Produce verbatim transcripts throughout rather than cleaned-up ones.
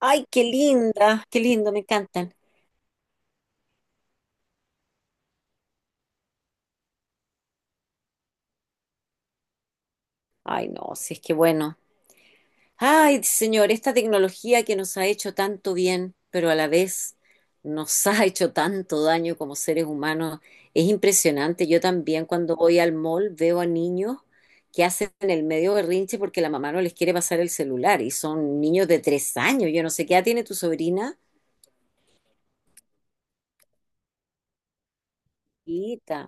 Ay, qué linda, qué lindo, me encantan. Ay, no, si es que bueno. Ay, señor, esta tecnología que nos ha hecho tanto bien, pero a la vez nos ha hecho tanto daño como seres humanos, es impresionante. Yo también cuando voy al mall veo a niños que hacen el medio berrinche porque la mamá no les quiere pasar el celular y son niños de tres años. Yo no sé qué edad tiene tu sobrina. Chiquita.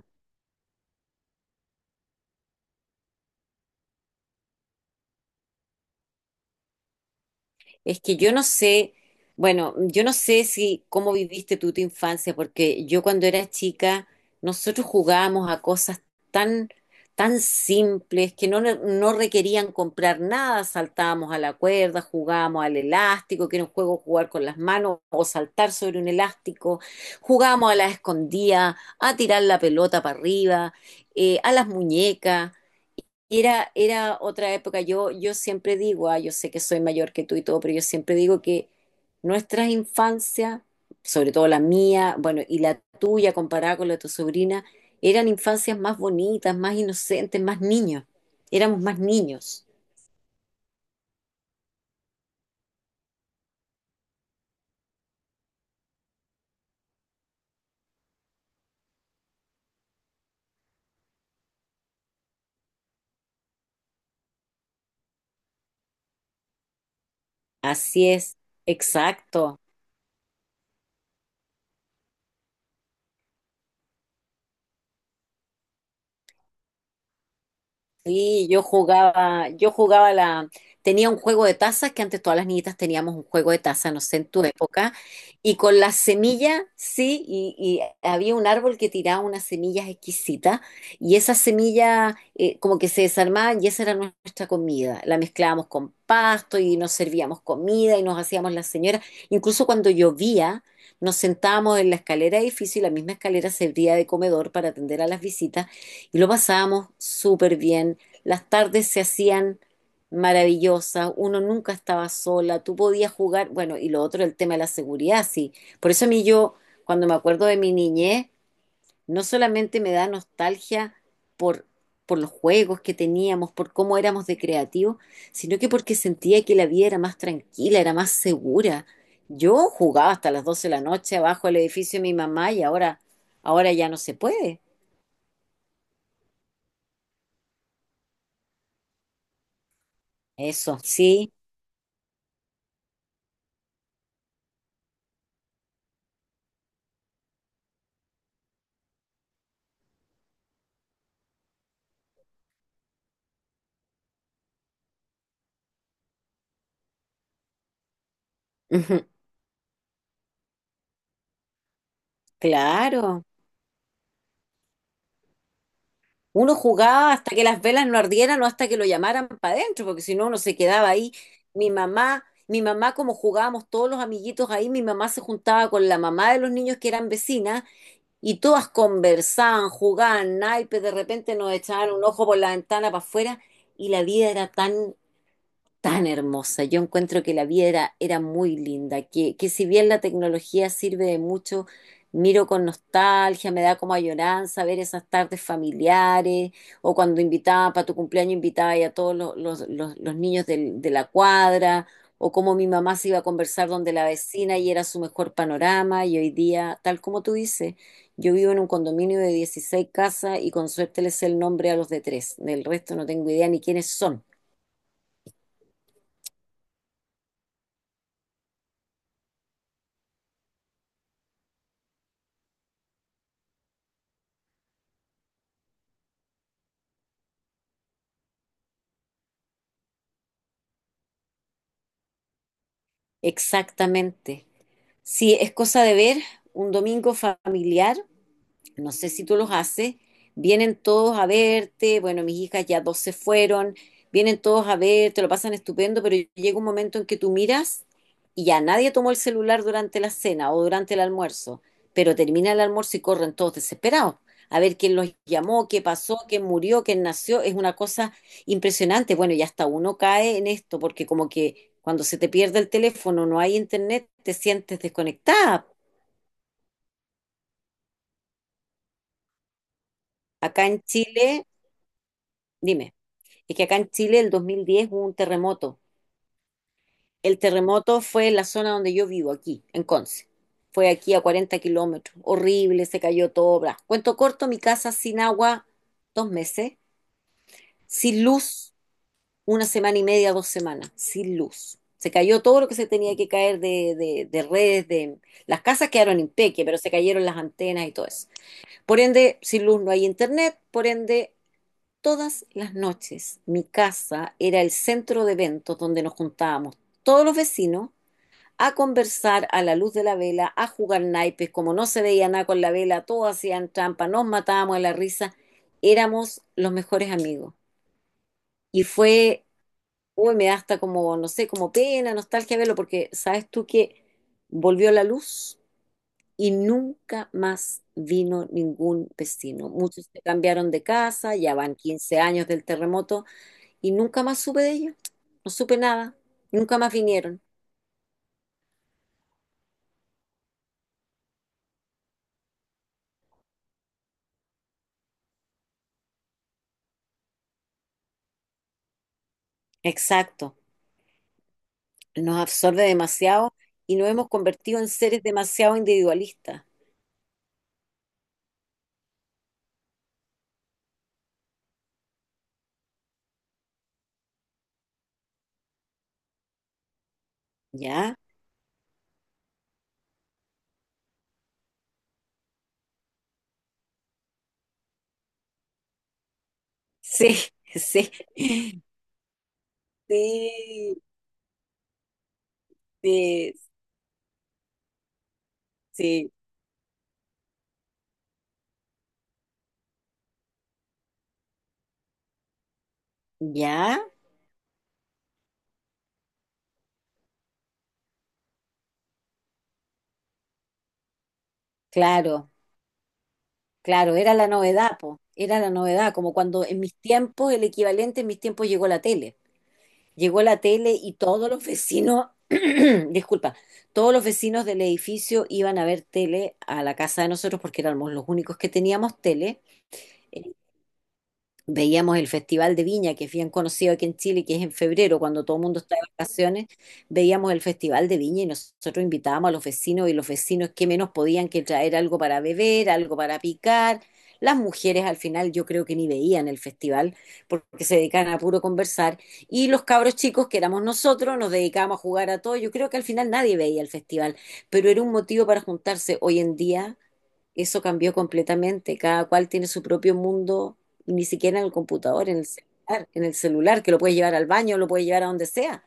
Es que yo no sé, bueno, yo no sé si cómo viviste tú tu infancia, porque yo cuando era chica, nosotros jugábamos a cosas tan, tan simples que no, no requerían comprar nada, saltábamos a la cuerda, jugábamos al elástico, que era un juego jugar con las manos o saltar sobre un elástico, jugábamos a la escondida, a tirar la pelota para arriba, eh, a las muñecas. Era, era otra época. Yo, yo siempre digo, ah, yo sé que soy mayor que tú y todo, pero yo siempre digo que nuestras infancias, sobre todo la mía, bueno, y la tuya comparada con la de tu sobrina, eran infancias más bonitas, más inocentes, más niños. Éramos más niños. Así es, exacto. Sí, yo jugaba, yo jugaba la, tenía un juego de tazas, que antes todas las niñitas teníamos un juego de tazas, no sé, en tu época, y con la semilla, sí, y, y había un árbol que tiraba unas semillas exquisitas, y esas semillas eh, como que se desarmaban y esa era nuestra comida, la mezclábamos con pasto y nos servíamos comida y nos hacíamos las señoras, incluso cuando llovía, nos sentábamos en la escalera de edificio y la misma escalera servía de comedor para atender a las visitas. Y lo pasábamos súper bien. Las tardes se hacían maravillosas, uno nunca estaba sola, tú podías jugar, bueno, y lo otro, el tema de la seguridad, sí. Por eso a mí yo, cuando me acuerdo de mi niñez, no solamente me da nostalgia por, por los juegos que teníamos, por cómo éramos de creativos, sino que porque sentía que la vida era más tranquila, era más segura. Yo jugaba hasta las doce de la noche abajo del edificio de mi mamá y ahora, ahora ya no se puede. Eso, sí. Claro. Uno jugaba hasta que las velas no ardieran o hasta que lo llamaran para adentro, porque si no, uno se quedaba ahí. Mi mamá, mi mamá, como jugábamos todos los amiguitos ahí, mi mamá se juntaba con la mamá de los niños que eran vecinas y todas conversaban, jugaban naipes, de repente nos echaban un ojo por la ventana para afuera y la vida era tan tan hermosa. Yo encuentro que la vida era, era muy linda, que, que si bien la tecnología sirve de mucho, miro con nostalgia, me da como añoranza ver esas tardes familiares o cuando invitaba, para tu cumpleaños invitaba a todos los, los- los- los niños del- de la cuadra o cómo mi mamá se iba a conversar donde la vecina y era su mejor panorama y hoy día, tal como tú dices, yo vivo en un condominio de dieciséis casas y con suerte les sé el nombre a los de tres, del resto no tengo idea ni quiénes son. Exactamente. Sí, es cosa de ver un domingo familiar no sé si tú los haces, vienen todos a verte, bueno, mis hijas ya dos se fueron, vienen todos a verte, lo pasan estupendo, pero llega un momento en que tú miras y ya nadie tomó el celular durante la cena o durante el almuerzo, pero termina el almuerzo y corren todos desesperados. A ver quién los llamó, qué pasó, quién murió, quién nació, es una cosa impresionante. Bueno, y hasta uno cae en esto, porque como que cuando se te pierde el teléfono, no hay internet, te sientes desconectada. Acá en Chile, dime. Es que acá en Chile el dos mil diez hubo un terremoto. El terremoto fue en la zona donde yo vivo, aquí, en Conce. Fue aquí a cuarenta kilómetros. Horrible, se cayó todo. Bla. Cuento corto, mi casa sin agua, dos meses. Sin luz, una semana y media, dos semanas. Sin luz. Se cayó todo lo que se tenía que caer de, de- de redes, de... Las casas quedaron impeque, pero se cayeron las antenas y todo eso. Por ende, sin luz no hay internet, por ende, todas las noches. Mi casa era el centro de eventos donde nos juntábamos todos los vecinos a conversar a la luz de la vela, a jugar naipes, como no se veía nada con la vela, todos hacían trampa, nos matábamos de la risa, éramos los mejores amigos. Y fue, uy, me da hasta como, no sé, como pena, nostalgia verlo, porque sabes tú que volvió la luz y nunca más vino ningún vecino. Muchos se cambiaron de casa, ya van quince años del terremoto, y nunca más supe de ellos, no supe nada, nunca más vinieron. Exacto, nos absorbe demasiado y nos hemos convertido en seres demasiado individualistas, ¿ya? Sí, sí, sí, sí, sí, ¿ya? Claro, claro, era la novedad, po, era la novedad, como cuando en mis tiempos, el equivalente en mis tiempos llegó la tele. Llegó la tele y todos los vecinos, disculpa, todos los vecinos del edificio iban a ver tele a la casa de nosotros porque éramos los únicos que teníamos tele. Veíamos el Festival de Viña, que es bien conocido aquí en Chile, que es en febrero, cuando todo el mundo está de vacaciones. Veíamos el Festival de Viña y nosotros invitábamos a los vecinos y los vecinos que menos podían que traer algo para beber, algo para picar. Las mujeres al final yo creo que ni veían el festival porque se dedicaban a puro conversar. Y los cabros chicos que éramos nosotros nos dedicábamos a jugar a todo. Yo creo que al final nadie veía el festival, pero era un motivo para juntarse. Hoy en día eso cambió completamente. Cada cual tiene su propio mundo, y ni siquiera en el computador, en el celular, en el celular, que lo puedes llevar al baño, lo puedes llevar a donde sea.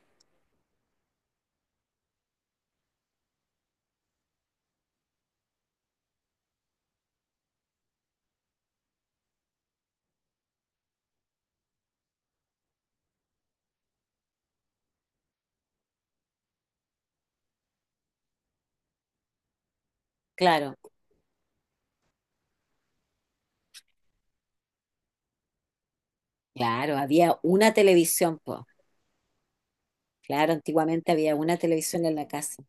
Claro, claro, había una televisión, pues. Claro, antiguamente había una televisión en la casa.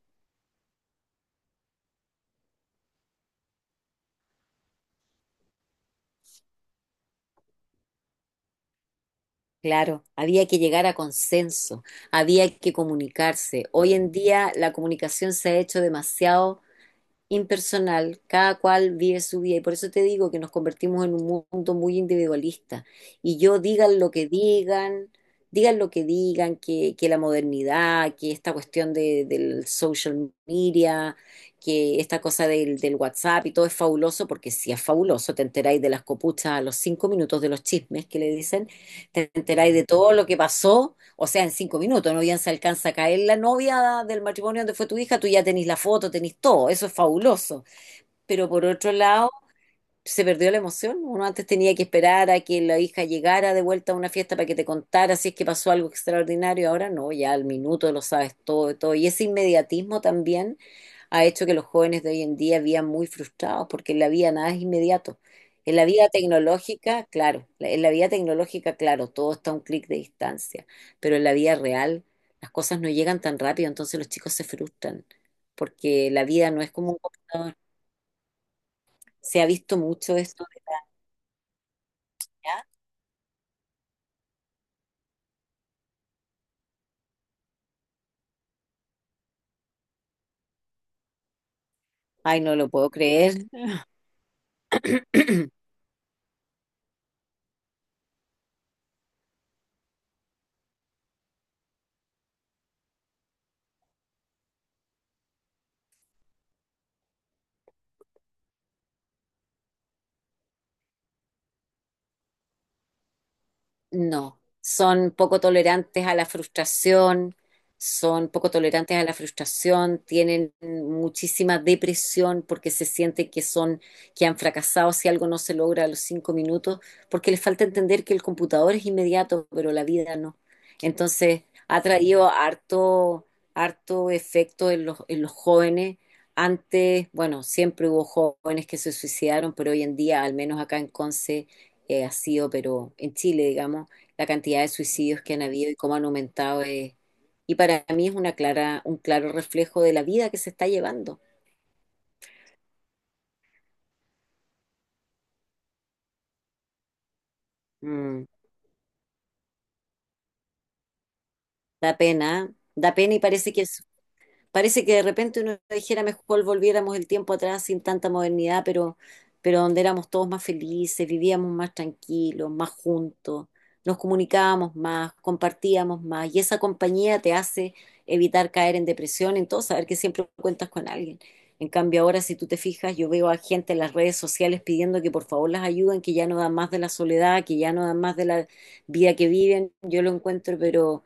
Claro, había que llegar a consenso, había que comunicarse. Hoy en día la comunicación se ha hecho demasiado impersonal, cada cual vive su vida y por eso te digo que nos convertimos en un mundo muy individualista. Y yo digan lo que digan, digan lo que digan, que, que la modernidad, que esta cuestión de, del, social media, que esta cosa del, del WhatsApp y todo es fabuloso, porque si es fabuloso, te enteráis de las copuchas a los cinco minutos de los chismes que le dicen, te enteráis de todo lo que pasó o sea, en cinco minutos, no bien se alcanza a caer la novia del matrimonio donde fue tu hija, tú ya tenés la foto, tenés todo, eso es fabuloso. Pero por otro lado, se perdió la emoción. Uno antes tenía que esperar a que la hija llegara de vuelta a una fiesta para que te contara si es que pasó algo extraordinario. Ahora no, ya al minuto lo sabes todo, todo. Y ese inmediatismo también ha hecho que los jóvenes de hoy en día vivan muy frustrados porque en la vida nada es inmediato. En la vida tecnológica, claro, la- en la vida tecnológica, claro, todo está a un clic de distancia, pero en la vida real las cosas no llegan tan rápido, entonces los chicos se frustran porque la vida no es como un computador. Se ha visto mucho esto. Ay, no lo puedo creer. No, son poco tolerantes a la frustración, son poco tolerantes a la frustración, tienen muchísima depresión porque se siente que son, que han fracasado si algo no se logra a los cinco minutos, porque les falta entender que el computador es inmediato, pero la vida no. Entonces, ha traído harto, harto efecto en los, en los jóvenes. Antes, bueno, siempre hubo jóvenes que se suicidaron, pero hoy en día, al menos acá en Conce, eh, ha sido, pero en Chile, digamos, la cantidad de suicidios que han habido y cómo han aumentado es, y para mí es una clara, un claro reflejo de la vida que se está llevando. Mm, da pena, ¿eh? Da pena y parece que parece que de repente uno dijera mejor volviéramos el tiempo atrás sin tanta modernidad, pero, pero donde éramos todos más felices, vivíamos más tranquilos, más juntos, nos comunicábamos más, compartíamos más, y esa compañía te hace evitar caer en depresión, en todo, saber que siempre cuentas con alguien. En cambio, ahora si tú te fijas, yo veo a gente en las redes sociales pidiendo que por favor las ayuden, que ya no dan más de la soledad, que ya no dan más de la vida que viven. Yo lo encuentro, pero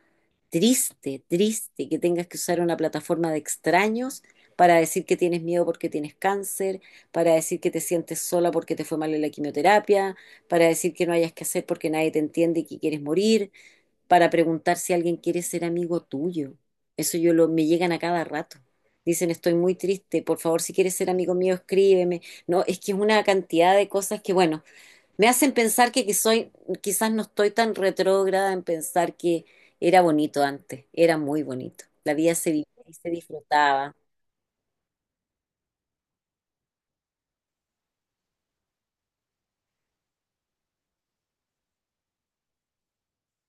triste, triste que tengas que usar una plataforma de extraños para decir que tienes miedo porque tienes cáncer, para decir que te sientes sola porque te fue mal en la quimioterapia, para decir que no hayas que hacer porque nadie te entiende y que quieres morir, para preguntar si alguien quiere ser amigo tuyo. Eso yo lo, me llegan a cada rato. Dicen, estoy muy triste, por favor, si quieres ser amigo mío, escríbeme. No, es que es una cantidad de cosas que, bueno, me hacen pensar que, que soy, quizás no estoy tan retrógrada en pensar que era bonito antes, era muy bonito. La vida se vivía y se disfrutaba.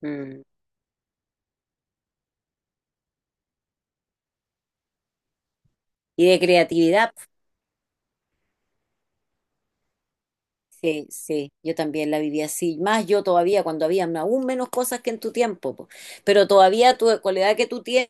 Mm. Y de creatividad, sí, sí, yo también la viví así. Más yo todavía, cuando había aún menos cosas que en tu tiempo. Po. Pero todavía tu, con la edad que tú tienes,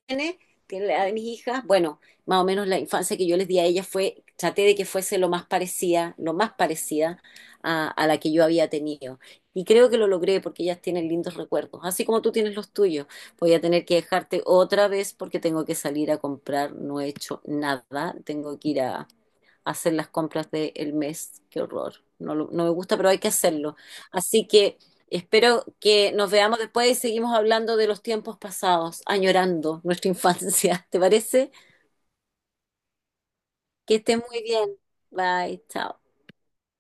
tienes la edad de mis hijas, bueno, más o menos la infancia que yo les di a ellas fue, traté de que fuese lo más parecida, lo más parecida a, a la que yo había tenido. Y creo que lo logré porque ellas tienen lindos recuerdos, así como tú tienes los tuyos. Voy a tener que dejarte otra vez porque tengo que salir a comprar, no he hecho nada, tengo que ir a hacer las compras del mes. Qué horror. No, lo- no me gusta, pero hay que hacerlo. Así que espero que nos veamos después y seguimos hablando de los tiempos pasados, añorando nuestra infancia. ¿Te parece? Que estés muy bien. Bye, chao.